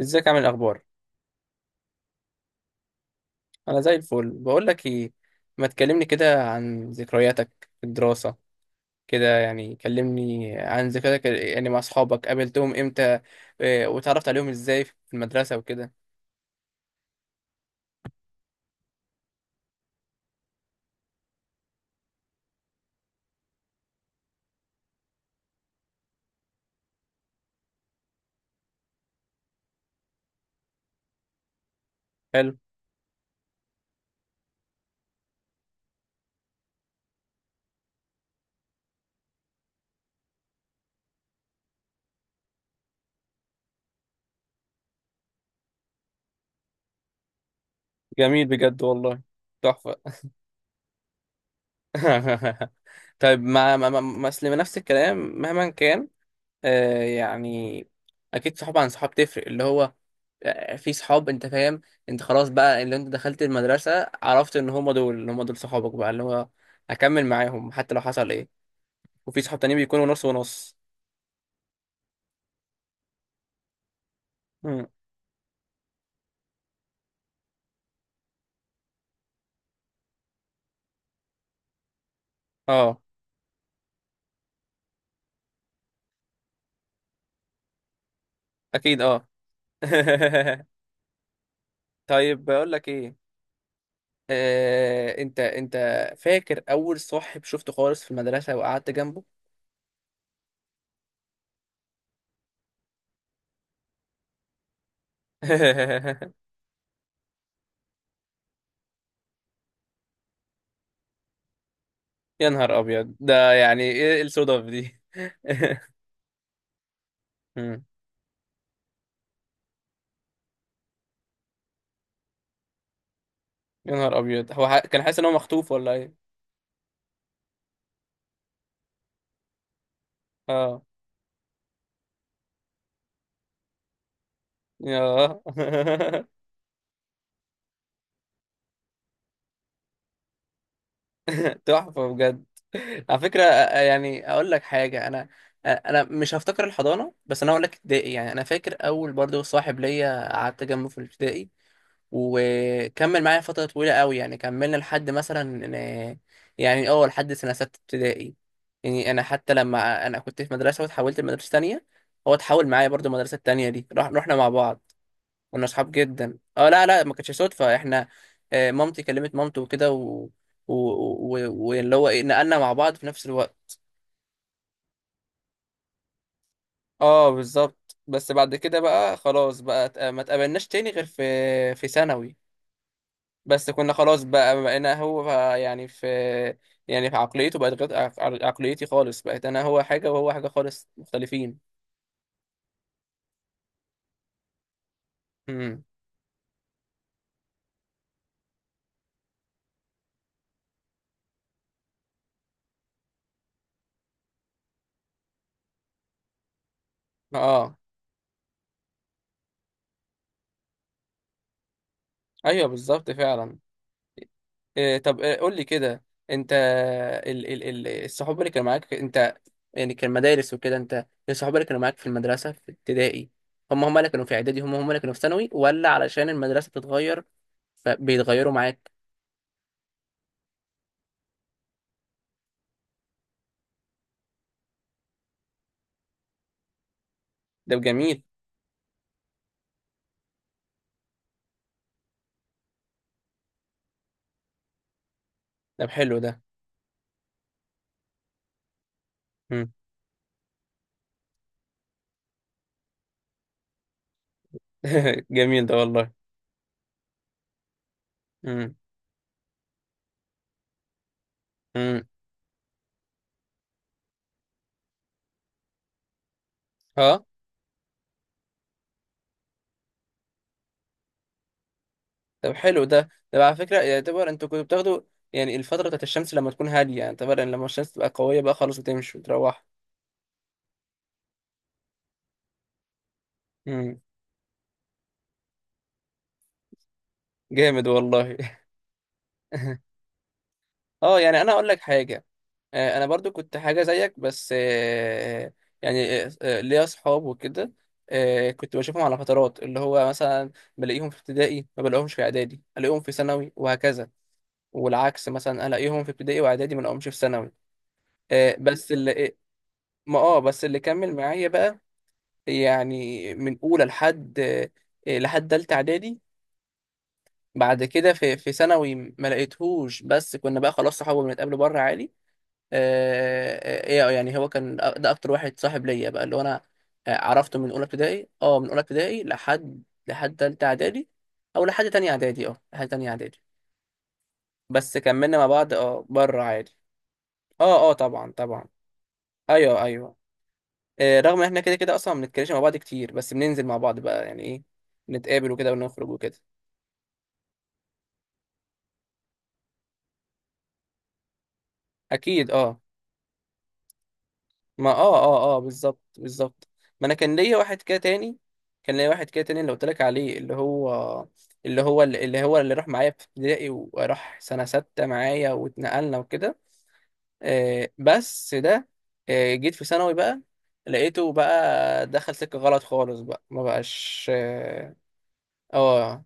ازيك، عامل إيه، الاخبار؟ انا زي الفل. بقول لك ايه، ما تكلمني كده عن ذكرياتك في الدراسه، كده يعني كلمني عن ذكرياتك، يعني مع اصحابك قابلتهم امتى؟ وتعرفت عليهم ازاي في المدرسه وكده؟ حلو. جميل بجد والله، تحفه. طيب، أصل نفس الكلام مهما كان. يعني. اكيد، صحاب عن صحاب تفرق اللي هو. في صحاب، انت فاهم؟ انت خلاص بقى، اللي انت دخلت المدرسة، عرفت ان هم دول اللي هم دول صحابك بقى اللي هو هكمل معاهم حتى لو حصل ايه. وفي صحاب تانيين بيكونوا نص ونص. مم. اه، اكيد، اه. طيب، بقول لك ايه. انت فاكر اول صاحب شفته خالص في المدرسة وقعدت جنبه؟ يا نهار ابيض، ده يعني ايه الصدف دي؟ مم. يا نهار ابيض، هو كان حاسس ان هو مخطوف ولا ايه؟ اه. ياه. تحفه بجد. على فكره، يعني اقول لك حاجه، انا انا مش هفتكر الحضانه، بس انا اقول لك ابتدائي. يعني انا فاكر اول برضو صاحب ليا قعدت جنبه في الابتدائي، وكمل معايا فتره طويله قوي، يعني كملنا لحد مثلا آه، يعني لحد سنه 6 ابتدائي. يعني انا حتى لما انا كنت في مدرسه واتحولت لمدرسه تانية، هو اتحول معايا برضو، المدرسه التانية دي رحنا مع بعض. كنا اصحاب جدا. اه، لا، لا، ما كانتش صدفه، احنا مامتي كلمت مامته وكده و... واللي هو، ايه، نقلنا مع بعض في نفس الوقت. اه، بالظبط. بس بعد كده بقى خلاص بقى، ما اتقابلناش تاني غير في ثانوي. بس كنا خلاص بقى، بقينا هو يعني في، يعني في عقليته، بقت غير عقليتي خالص، بقيت انا هو حاجه وهو حاجه خالص، مختلفين. امم. اه. ايوه، بالظبط فعلا. إيه؟ طب إيه؟ قول لي كده، انت. ال ال ال الصحاب اللي كانوا معاك، انت يعني كان مدارس وكده، انت الصحاب اللي كانوا معاك في المدرسة في ابتدائي، هم هم اللي كانوا في اعدادي، هم هم اللي كانوا في ثانوي، ولا علشان المدرسة بتتغير فبيتغيروا معاك؟ ده جميل. ده حلو ده. مم. جميل ده والله. مم. مم. اه. طب حلو ده. طب على فكرة، يعتبر انتوا كنتوا بتاخدوا يعني الفترة بتاعت الشمس لما تكون هادية؟ يعني طبعا لما الشمس تبقى قوية بقى خلاص وتمشي وتروح. مم. جامد والله. اه، يعني انا اقول لك حاجه انا برضو كنت حاجه زيك، بس يعني، ليا اصحاب وكده. كنت بشوفهم على فترات، اللي هو مثلا بلاقيهم في ابتدائي، ما بلاقيهمش في اعدادي، الاقيهم في ثانوي، وهكذا. والعكس، مثلا الاقيهم في ابتدائي واعدادي، ما الاقيهمش في ثانوي. آه، بس اللي آه، ما اه بس اللي كمل معايا بقى، يعني من اولى لحد لحد تالتة اعدادي. بعد كده في ثانوي ما لقيتهوش، بس كنا بقى خلاص صحاب، بنتقابل بره عادي. ايه يعني، هو كان ده اكتر واحد صاحب ليا بقى، اللي هو انا عرفته من اولى ابتدائي. اه من اولى ابتدائي لحد تالتة اعدادي. او لحد تانية اعدادي. بس كملنا مع بعض، اه، بره عادي. اه، اه، طبعا طبعا. ايوه، ايوه. رغم ان احنا كده كده اصلا ما بنتكلمش مع بعض كتير، بس بننزل مع بعض بقى، يعني ايه، نتقابل وكده ونخرج وكده. اكيد، اه. ما بالظبط بالظبط. ما انا كان ليا واحد كده تاني، اللي قلت لك عليه، اللي هو اللي هو اللي راح معايا في ابتدائي، وراح سنة 6 معايا واتنقلنا وكده. بس ده جيت في ثانوي بقى، لقيته بقى دخل سكة غلط خالص، بقى ما بقاش. اه. اه،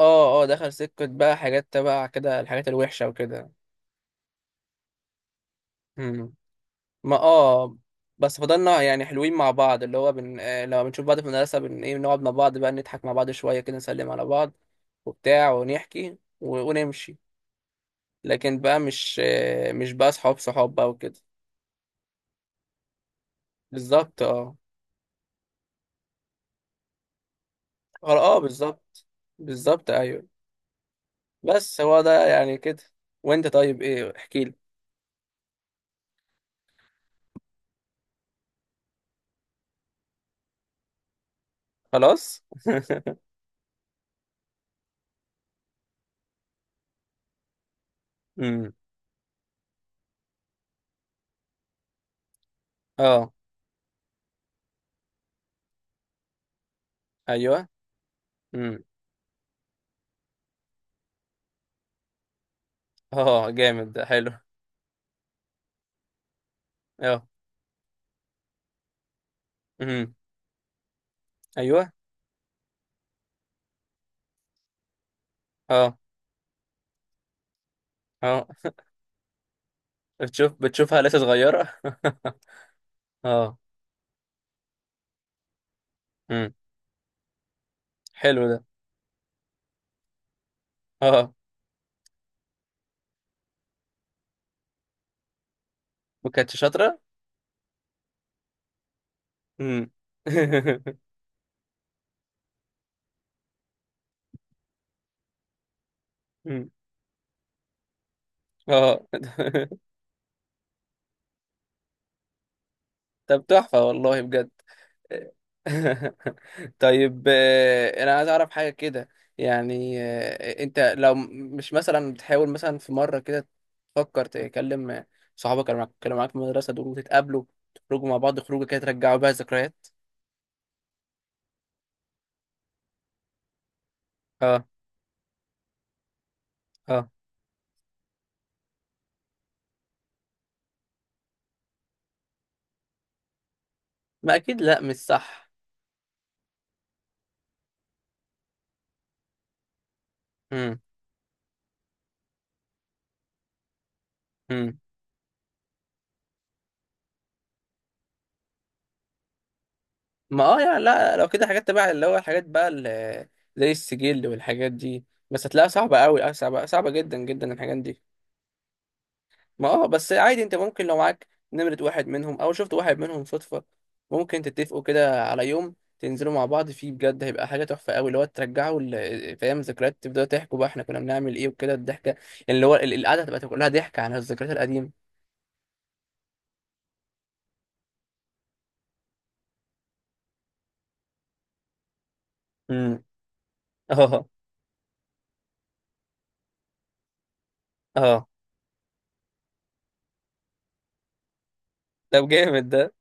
اه. دخل سكة بقى حاجات تبع كده، الحاجات الوحشة وكده. مم. ما بس فضلنا يعني حلوين مع بعض، اللي هو بن... آه، لما بنشوف بعض في المدرسة بن ايه بنقعد مع بعض بقى، نضحك مع بعض شوية كده، نسلم على بعض، وبتاع، ونحكي ونمشي. لكن بقى مش بقى صحاب صحاب بقى وكده. بالظبط، اه، اه. بالظبط بالظبط. ايوه. بس هو ده يعني كده. وانت طيب ايه، احكي لي. خلاص. امم. اه. ايوه. امم. اه، جامد ده حلو. اه. امم. ايوه. اه، اه. بتشوفها لسه صغيرة؟ اه. امم. حلو ده. اه، وكانتش شاطرة؟ امم. أمم. اه. طب تحفة والله بجد. طيب، انا عايز اعرف حاجة كده. يعني انت لو مش مثلا بتحاول مثلا في مرة كده تفكر تكلم صحابك اللي كانوا معاك في المدرسة دول، وتتقابلوا تخرجوا مع بعض خروجة كده ترجعوا بيها ذكريات. اه، اه. ما اكيد لا، مش صح. امم. ما يعني لا، لو كده حاجات تبع اللي هو، الحاجات بقى اللي زي السجل والحاجات دي، بس هتلاقيها صعبة قوي، صعبة، صعبة جدا جدا الحاجات دي. ما بس عادي، انت ممكن لو معاك نمرة واحد منهم، او شفت واحد منهم صدفة، ممكن تتفقوا كده على يوم تنزلوا مع بعض فيه، بجد هيبقى حاجة تحفة قوي، اللي هو ترجعوا فاهم، ذكريات، تبدأوا تحكوا بقى احنا كنا بنعمل ايه وكده، الضحكة، اللي هو القعدة هتبقى كلها ضحك عن الذكريات القديمة. امم. اه، اه. طب جامد ده.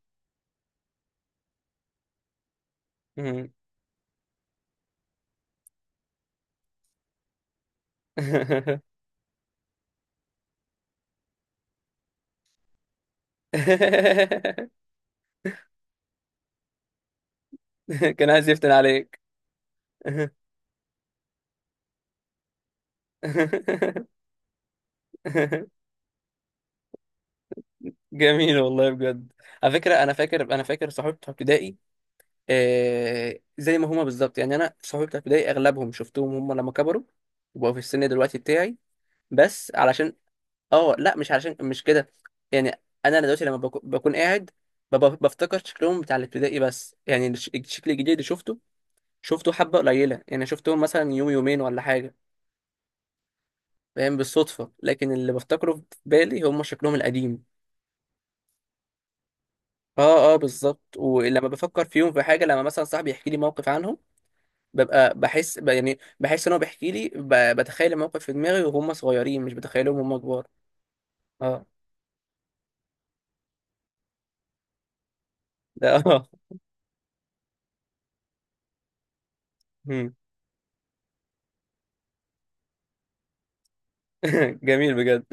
مم. كان عايز يفتن عليك. جميل والله بجد. على فكرة، أنا فاكر صحابي بتوع ابتدائي، زي ما هما بالظبط. يعني أنا صحابي بتوع ابتدائي أغلبهم شفتهم، هما لما كبروا وبقوا في السن دلوقتي بتاعي، بس علشان لا، مش علشان، مش كده. يعني أنا دلوقتي لما بكون قاعد، بفتكر شكلهم بتاع الابتدائي، بس يعني الشكل الجديد اللي شفته، شفته حبة قليلة، يعني شفتهم مثلا يوم يومين ولا حاجة، فاهم؟ بالصدفة. لكن اللي بفتكره في بالي، هم شكلهم القديم. اه، اه، بالظبط. ولما بفكر فيهم في حاجة، لما مثلا صاحبي يحكي لي موقف عنهم، ببقى بحس يعني بحس ان هو بيحكي لي، بتخيل الموقف في دماغي وهم صغيرين، مش بتخيلهم وهم كبار. اه. ده اه. مم. جميل بجد.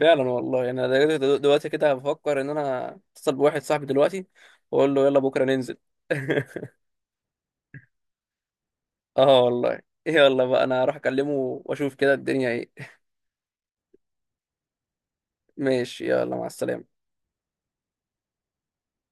فعلا والله. يعني انا دلوقتي دلوقتي كده بفكر ان انا اتصل بواحد صاحبي دلوقتي واقول له يلا بكرة ننزل. اه والله. يلا بقى، انا هروح اكلمه واشوف كده الدنيا ايه. ماشي، يلا، مع السلامة.